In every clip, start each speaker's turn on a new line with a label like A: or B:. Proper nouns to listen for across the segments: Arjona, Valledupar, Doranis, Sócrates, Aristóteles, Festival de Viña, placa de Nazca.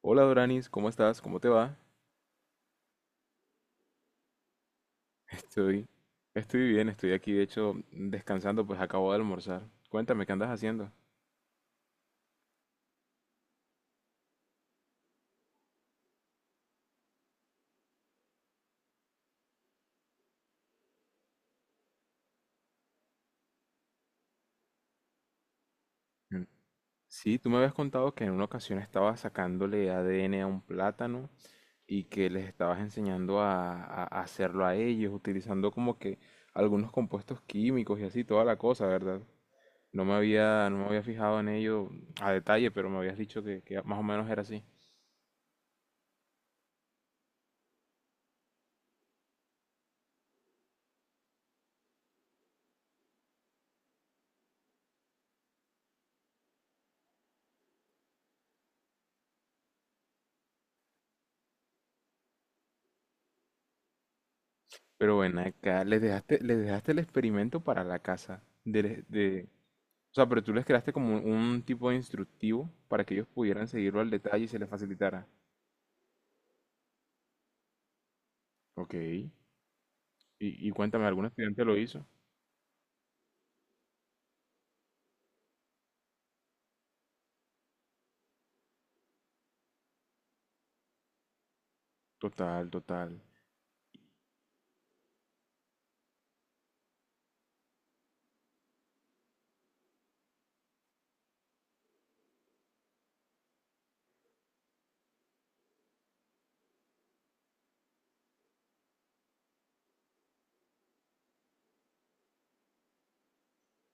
A: Hola Doranis, ¿cómo estás? ¿Cómo te va? Estoy, estoy bien, estoy aquí de hecho descansando, pues acabo de almorzar. Cuéntame, ¿qué andas haciendo? Mm. Sí, tú me habías contado que en una ocasión estabas sacándole ADN a un plátano y que les estabas enseñando a hacerlo a ellos, utilizando como que algunos compuestos químicos y así, toda la cosa, ¿verdad? No me había fijado en ello a detalle, pero me habías dicho que más o menos era así. Pero ven acá, les dejaste el experimento para la casa. O sea, pero tú les creaste como un tipo de instructivo para que ellos pudieran seguirlo al detalle y se les facilitara. Ok. Y cuéntame, ¿algún estudiante lo hizo? Total, total.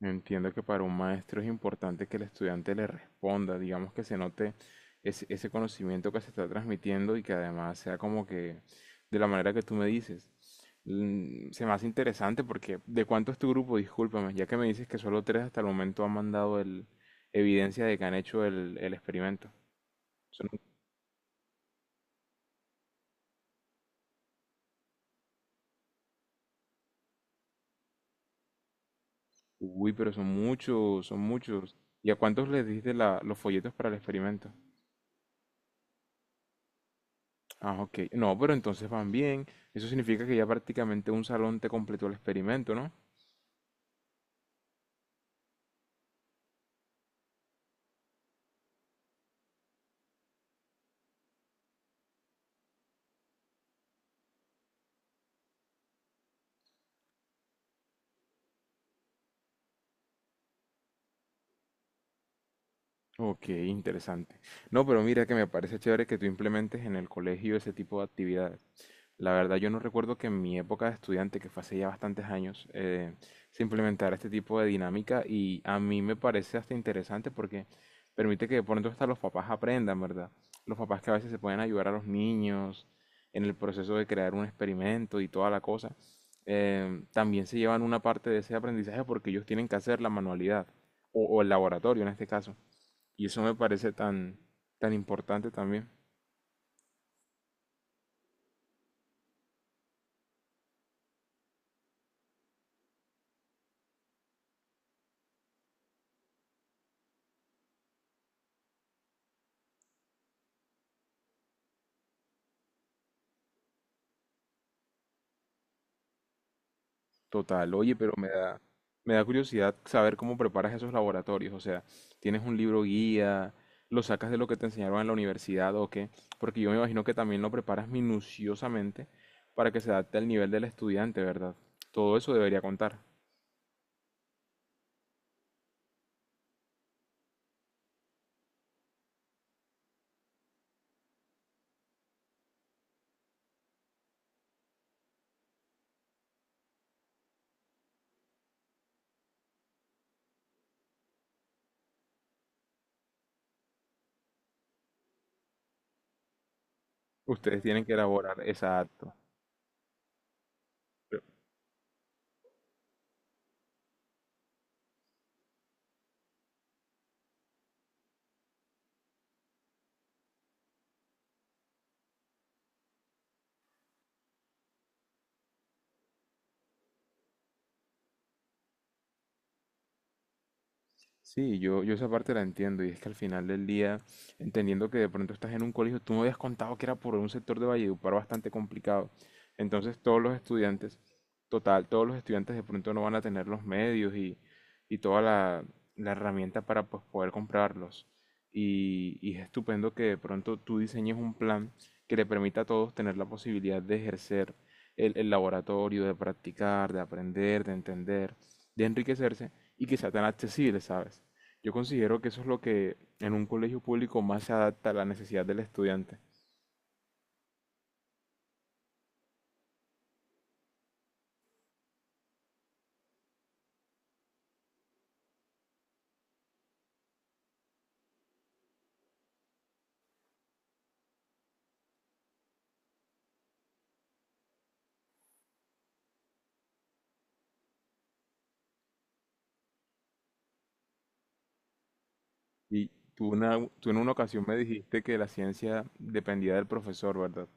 A: Entiendo que para un maestro es importante que el estudiante le responda, digamos que se note ese conocimiento que se está transmitiendo y que además sea como que de la manera que tú me dices. Mm, se me hace interesante porque ¿de cuánto es tu grupo? Discúlpame, ya que me dices que solo tres hasta el momento han mandado evidencia de que han hecho el experimento. Son- Uy, pero son muchos, son muchos. ¿Y a cuántos les diste los folletos para el experimento? Ah, ok. No, pero entonces van bien. Eso significa que ya prácticamente un salón te completó el experimento, ¿no? Ok, interesante. No, pero mira que me parece chévere que tú implementes en el colegio ese tipo de actividades. La verdad, yo no recuerdo que en mi época de estudiante, que fue hace ya bastantes años, se implementara este tipo de dinámica y a mí me parece hasta interesante porque permite que de pronto hasta los papás aprendan, ¿verdad? Los papás que a veces se pueden ayudar a los niños en el proceso de crear un experimento y toda la cosa, también se llevan una parte de ese aprendizaje porque ellos tienen que hacer la manualidad o el laboratorio en este caso. Y eso me parece tan importante también. Total, oye, me da curiosidad saber cómo preparas esos laboratorios. O sea, ¿tienes un libro guía? ¿Lo sacas de lo que te enseñaron en la universidad o qué? Porque yo me imagino que también lo preparas minuciosamente para que se adapte al nivel del estudiante, ¿verdad? Todo eso debería contar. Ustedes tienen que elaborar, exacto. Sí, yo esa parte la entiendo y es que al final del día, entendiendo que de pronto estás en un colegio, tú me habías contado que era por un sector de Valledupar bastante complicado. Entonces todos los estudiantes, total, todos los estudiantes de pronto no van a tener los medios y toda la herramienta para pues, poder comprarlos. Y es estupendo que de pronto tú diseñes un plan que le permita a todos tener la posibilidad de ejercer el laboratorio, de practicar, de aprender, de entender, de enriquecerse y que sea tan accesible, ¿sabes? Yo considero que eso es lo que en un colegio público más se adapta a la necesidad del estudiante. Y tú en una ocasión me dijiste que la ciencia dependía del profesor, ¿verdad?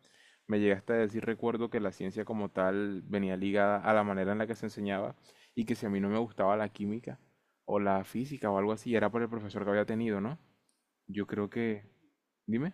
A: Me llegaste a decir, recuerdo que la ciencia como tal venía ligada a la manera en la que se enseñaba y que si a mí no me gustaba la química o la física o algo así, era por el profesor que había tenido, ¿no? Yo creo que... Dime.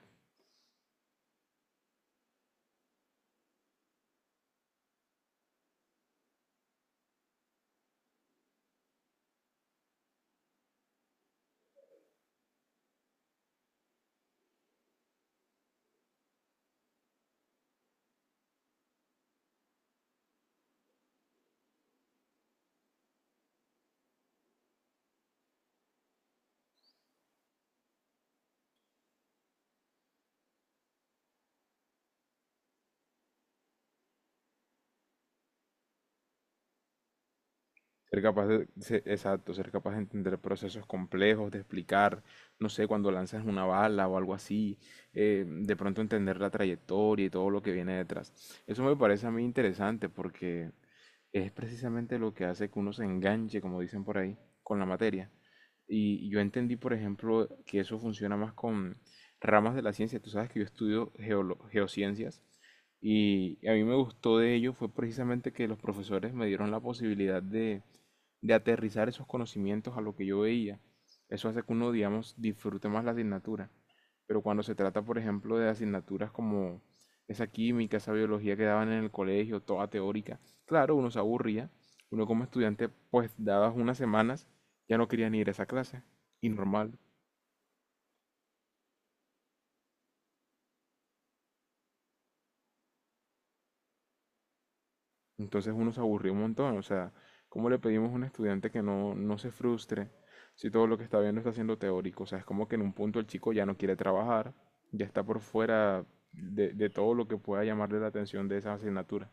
A: Ser capaz de, se- Exacto, ser capaz de entender procesos complejos, de explicar, no sé, cuando lanzas una bala o algo así, de pronto entender la trayectoria y todo lo que viene detrás. Eso me parece a mí interesante porque es precisamente lo que hace que uno se enganche, como dicen por ahí, con la materia. Y yo entendí, por ejemplo, que eso funciona más con ramas de la ciencia. Tú sabes que yo estudio geociencias y a mí me gustó de ello fue precisamente que los profesores me dieron la posibilidad de aterrizar esos conocimientos a lo que yo veía. Eso hace que uno, digamos, disfrute más la asignatura. Pero cuando se trata, por ejemplo, de asignaturas como esa química, esa biología que daban en el colegio, toda teórica, claro, uno se aburría, uno como estudiante, pues dadas unas semanas, ya no quería ni ir a esa clase, y normal. Entonces uno se aburrió un montón, o sea, ¿cómo le pedimos a un estudiante que no se frustre si todo lo que está viendo está siendo teórico? O sea, es como que en un punto el chico ya no quiere trabajar, ya está por fuera de todo lo que pueda llamarle la atención de esa asignatura.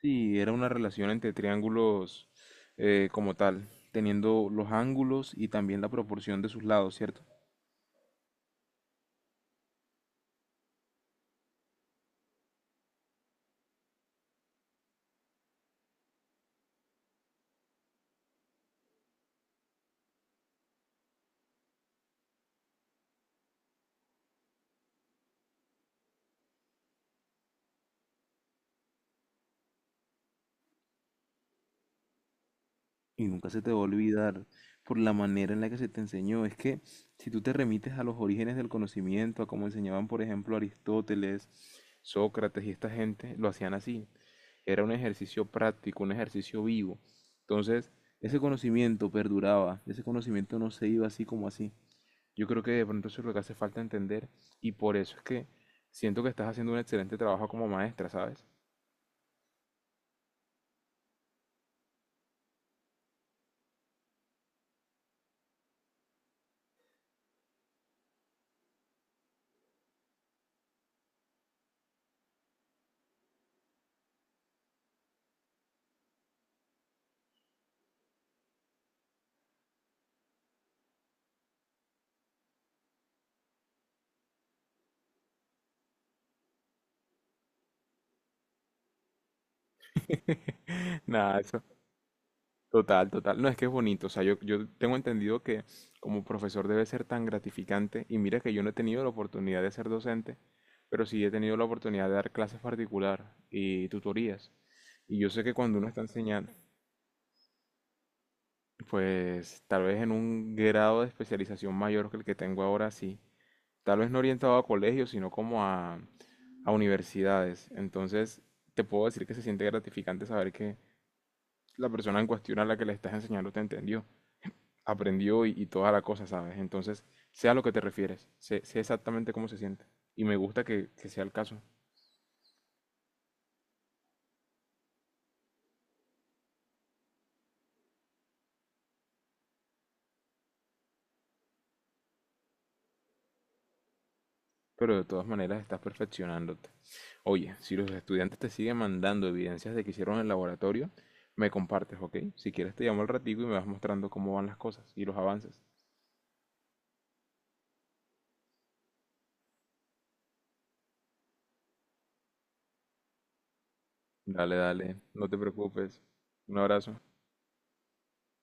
A: Sí, era una relación entre triángulos como tal, teniendo los ángulos y también la proporción de sus lados, ¿cierto? Y nunca se te va a olvidar por la manera en la que se te enseñó. Es que si tú te remites a los orígenes del conocimiento, a cómo enseñaban, por ejemplo, Aristóteles, Sócrates y esta gente, lo hacían así. Era un ejercicio práctico, un ejercicio vivo. Entonces, ese conocimiento perduraba, ese conocimiento no se iba así como así. Yo creo que de pronto eso es lo que hace falta entender y por eso es que siento que estás haciendo un excelente trabajo como maestra, ¿sabes? Nada, eso, total, total. No, es que es bonito. O sea, yo tengo entendido que como profesor debe ser tan gratificante. Y mira que yo no he tenido la oportunidad de ser docente, pero sí he tenido la oportunidad de dar clases particular y tutorías. Y yo sé que cuando uno está enseñando, pues tal vez en un grado de especialización mayor que el que tengo ahora, sí. Tal vez no orientado a colegios, sino como a universidades. Entonces, te puedo decir que se siente gratificante saber que la persona en cuestión a la que le estás enseñando te entendió, aprendió y toda la cosa, ¿sabes? Entonces, sé a lo que te refieres, sé exactamente cómo se siente. Y me gusta que sea el caso, pero de todas maneras estás perfeccionándote. Oye, si los estudiantes te siguen mandando evidencias de que hicieron en el laboratorio, me compartes, ¿ok? Si quieres te llamo al ratico y me vas mostrando cómo van las cosas y los avances. Dale, dale, no te preocupes. Un abrazo.